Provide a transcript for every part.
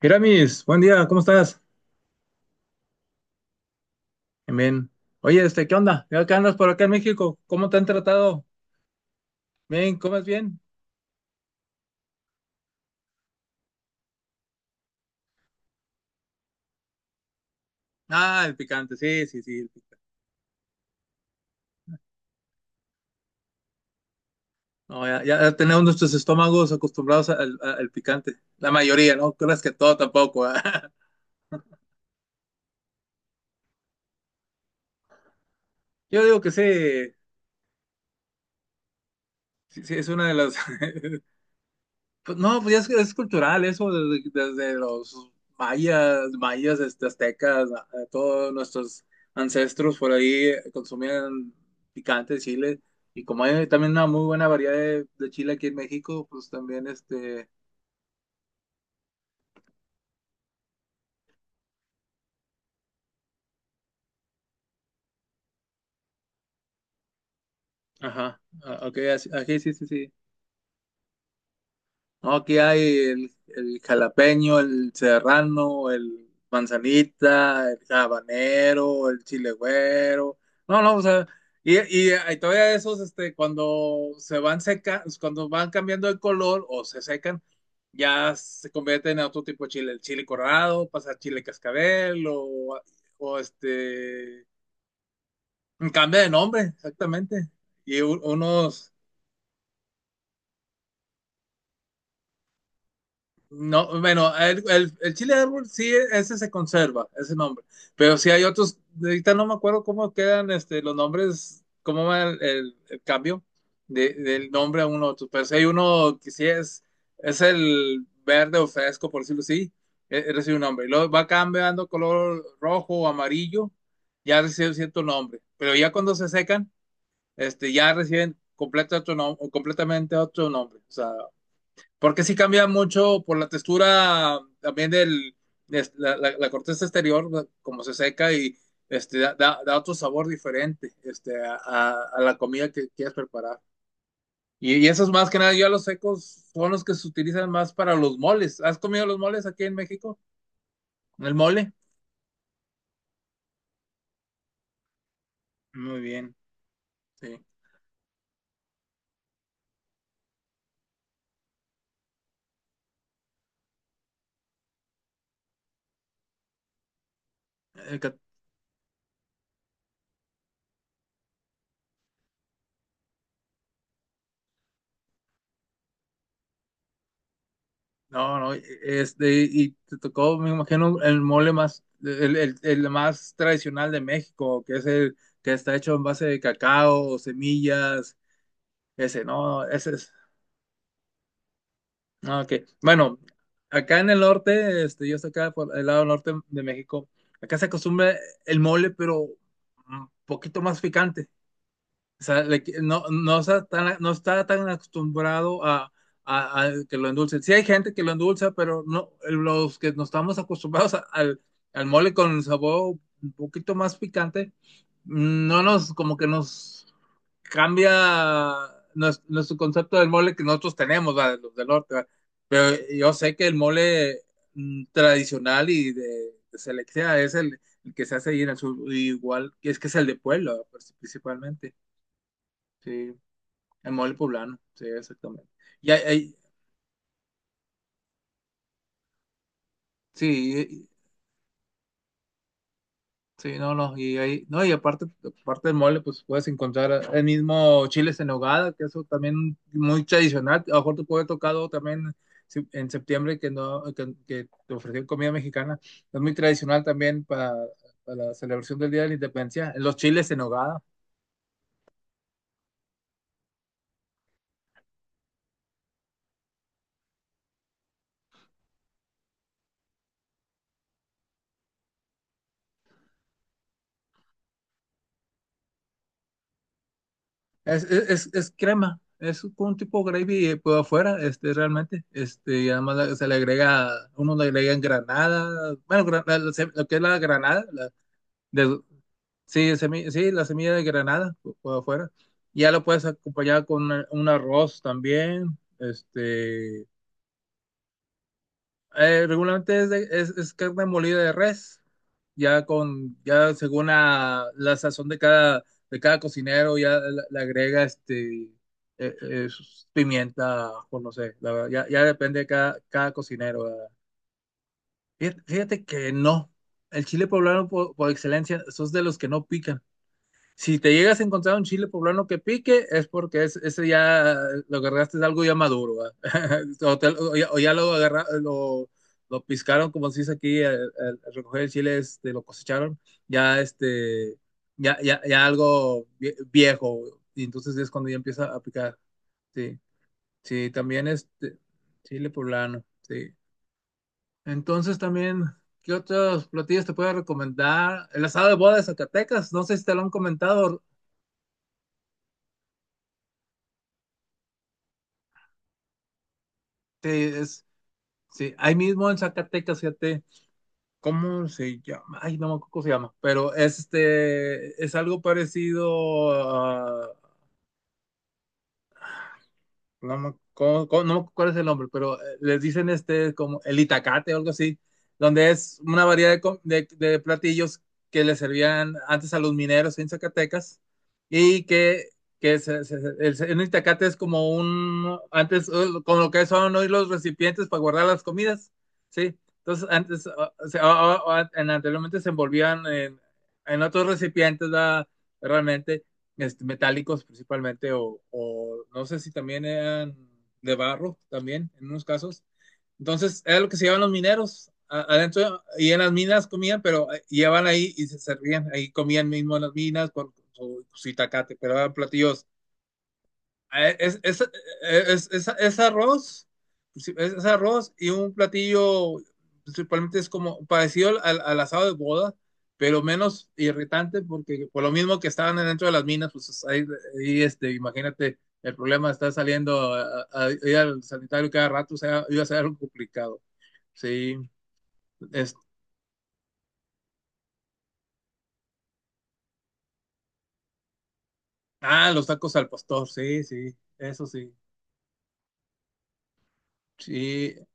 Gramis, buen día, ¿cómo estás? Bien, bien. Oye, ¿qué onda? ¿Qué andas por acá en México? ¿Cómo te han tratado? Bien, ¿comes bien? Ah, el picante, sí, sí, sí, el picante. No, ya tenemos nuestros estómagos acostumbrados al picante. La mayoría, ¿no? Creas que todo tampoco. ¿Verdad? Yo digo que sí, sí, sí, es una de las. Pues no, pues ya es cultural eso, desde los aztecas, todos nuestros ancestros por ahí consumían picante, chile, y como hay también una muy buena variedad de chile aquí en México, pues también ajá, ah, ok, aquí sí, sí, sí. No, aquí hay el jalapeño, el serrano, el manzanita, el habanero, el chile güero. No, no, o sea, y, hay todavía esos, cuando se van seca, cuando van cambiando de color o se secan, ya se convierten en otro tipo de chile, el chile corrado, pasa a chile cascabel o cambia de nombre, exactamente. Y unos... No, bueno, el chile de árbol sí, ese se conserva, ese nombre. Pero sí hay otros, ahorita no me acuerdo cómo quedan los nombres, cómo va el cambio del nombre a uno a otro. Pero sí hay uno que sí es el verde o fresco, por decirlo así, recibe un nombre. Y luego va cambiando color rojo o amarillo, ya recibe cierto nombre. Pero ya cuando se secan, ya reciben completamente otro nombre. O sea, porque sí cambia mucho por la textura también de la corteza exterior, como se seca y da otro sabor diferente a la comida que quieras preparar. Y esos más que nada, yo a los secos son los que se utilizan más para los moles. ¿Has comido los moles aquí en México? ¿El mole? Muy bien, sí. El, No, no, y te tocó, me imagino, el mole más, el más tradicional de México, que es el que está hecho en base de cacao, semillas, ese, no, ese es, no, ok. Bueno, acá en el norte, yo estoy acá por el lado norte de México, acá se acostumbra el mole, pero un poquito más picante. O sea, no, no está tan acostumbrado a, a que lo endulcen. Sí hay gente que lo endulza, pero no, los que nos estamos acostumbrados al mole con sabor un poquito más picante, no nos, como que nos cambia nuestro concepto del mole que nosotros tenemos, ¿verdad? Los del norte, ¿verdad? Pero yo sé que el mole tradicional y de selección es el que se hace ahí en el sur, igual que es el de pueblo, pues, principalmente. Sí. El mole poblano, sí, exactamente. Y hay, hay- sí, sí, no, no, y aparte del mole, pues puedes encontrar el mismo chiles en nogada, que eso también muy tradicional. A lo mejor te puede tocar algo también en septiembre que no, que te ofrecieron comida mexicana. Es muy tradicional también para la celebración del Día de la Independencia, los chiles en nogada. Es crema, es como un tipo gravy por afuera, realmente. Y además se le agrega, uno le agrega granada, bueno, lo que es la granada, la, de- sí, sí, la semilla de granada por afuera. Ya lo puedes acompañar con un arroz también, regularmente es carne molida de res, ya según la sazón de cada cocinero, ya le agrega pimienta, o no sé, la verdad, ya depende de cada cocinero. ¿Verdad? Fíjate, fíjate que no, el chile poblano por excelencia, esos de los que no pican. Si te llegas a encontrar un chile poblano que pique, es porque ese ya lo agarraste de algo ya maduro, ¿va? O ya lo, agarra- lo piscaron, como se dice aquí, al recoger el chile, lo cosecharon, ya este, ya algo viejo, y entonces es cuando ya empieza a picar. Sí, sí, también chile poblano, sí. Entonces también, ¿qué otros platillos te puedo recomendar? El asado de boda de Zacatecas, no sé si te lo han comentado. Sí, sí, ahí mismo en Zacatecas, fíjate, ¿cómo se llama? Ay, no me acuerdo cómo se llama, pero es algo parecido a... no me acuerdo cuál es el nombre, pero les dicen como el itacate o algo así, donde es una variedad de platillos que les servían antes a los mineros en Zacatecas y que, que el itacate es como antes, como lo que son hoy los recipientes para guardar las comidas, ¿sí? Entonces, antes, anteriormente se envolvían en, otros recipientes, ¿verdad? Realmente metálicos principalmente, o no sé si también eran de barro, también, en unos casos. Entonces, era lo que se llevaban los mineros adentro, y en las minas comían, pero llevaban ahí y se servían, ahí comían mismo en las minas con su itacate, pero eran platillos. Eh, Es, es, eh, es, es- es arroz, pues, sí, es arroz y un platillo principalmente es como parecido al asado de boda, pero menos irritante porque por lo mismo que estaban dentro de las minas, pues es ahí, imagínate, el problema está saliendo a ir al sanitario cada rato, o sea, iba a ser algo complicado. Sí, es- los tacos al pastor, sí, sí, eso sí. Sí,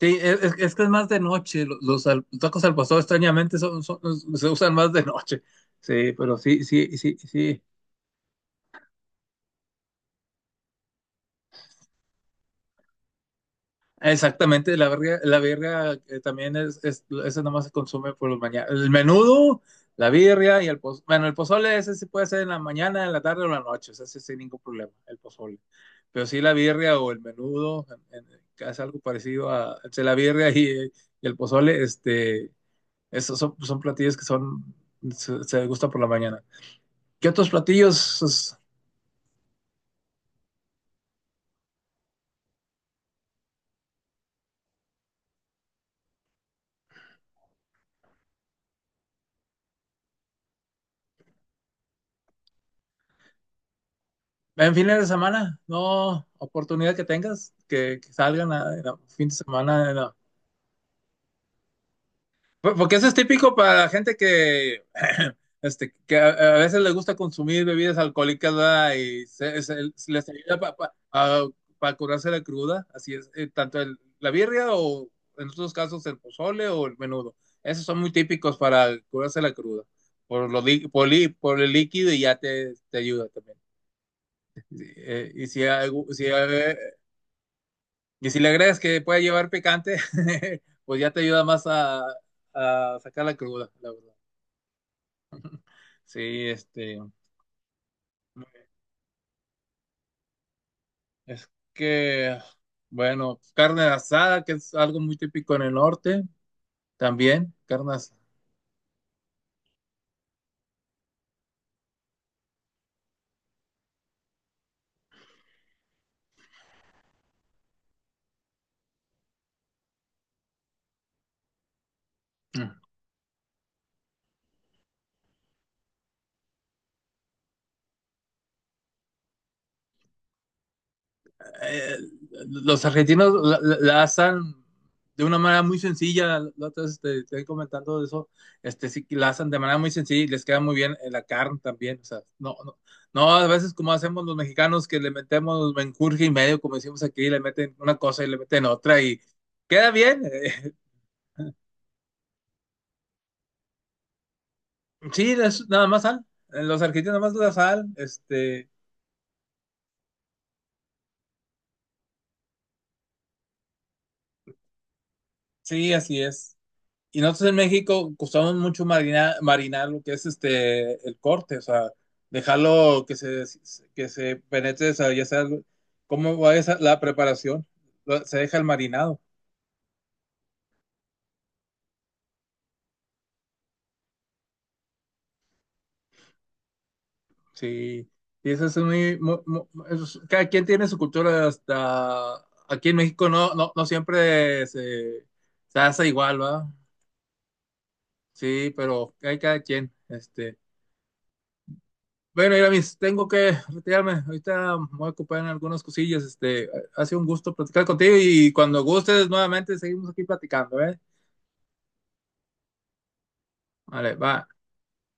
sí, es que es más de noche. Los tacos al pastor extrañamente se usan más de noche. Sí, pero sí, sí, sí, sí. Exactamente, la verga, la birria también esa nomás se consume por la mañana. El menudo, la birria y el pozole. Bueno, el pozole ese sí puede ser en la mañana, en la tarde o en la noche, ese sí sin ningún problema, el pozole. Pero sí la birria o el menudo, que es algo parecido entre la birria y el pozole, esos son platillos que se gusta por la mañana. ¿Qué otros platillos pues, en fines de semana? No, oportunidad que tengas, que salgan en la fin de semana, en... Porque eso es típico para la gente que, que a veces les gusta consumir bebidas alcohólicas, ¿verdad? Y se les ayuda para curarse la cruda. Así es, tanto la birria o en otros casos el pozole o el menudo. Esos son muy típicos para curarse la cruda. Por, lo, li- por, li- por el líquido y ya te ayuda también. Sí, y si le agregas que puede llevar picante, pues ya te ayuda más a sacar la cruda, la verdad. Sí, es que, bueno, carne asada, que es algo muy típico en el norte, también, carnes. eh, los argentinos la hacen de una manera muy sencilla, la otra vez te estoy comentando de eso, sí, que la hacen de manera muy sencilla y les queda muy bien, la carne también, o sea, no, no, no, a veces como hacemos los mexicanos que le metemos menjurje y medio, como decimos aquí, le meten una cosa y le meten otra y queda bien. Sí, nada más sal. En Los argentinos nada más la sal. Sí, así es. Y nosotros en México costamos mucho marinar, lo que es el corte, o sea, dejarlo que se, penetre, o sea, ya sea cómo va la preparación, se deja el marinado. Sí, y eso es cada quien tiene su cultura hasta aquí en México no, no, no siempre se hace igual, ¿va? Sí, pero hay cada quien. Bueno, Iramis, tengo que retirarme. Ahorita me voy a ocupar en algunas cosillas. Ha sido un gusto platicar contigo y cuando gustes nuevamente seguimos aquí platicando, ¿eh? Vale, va.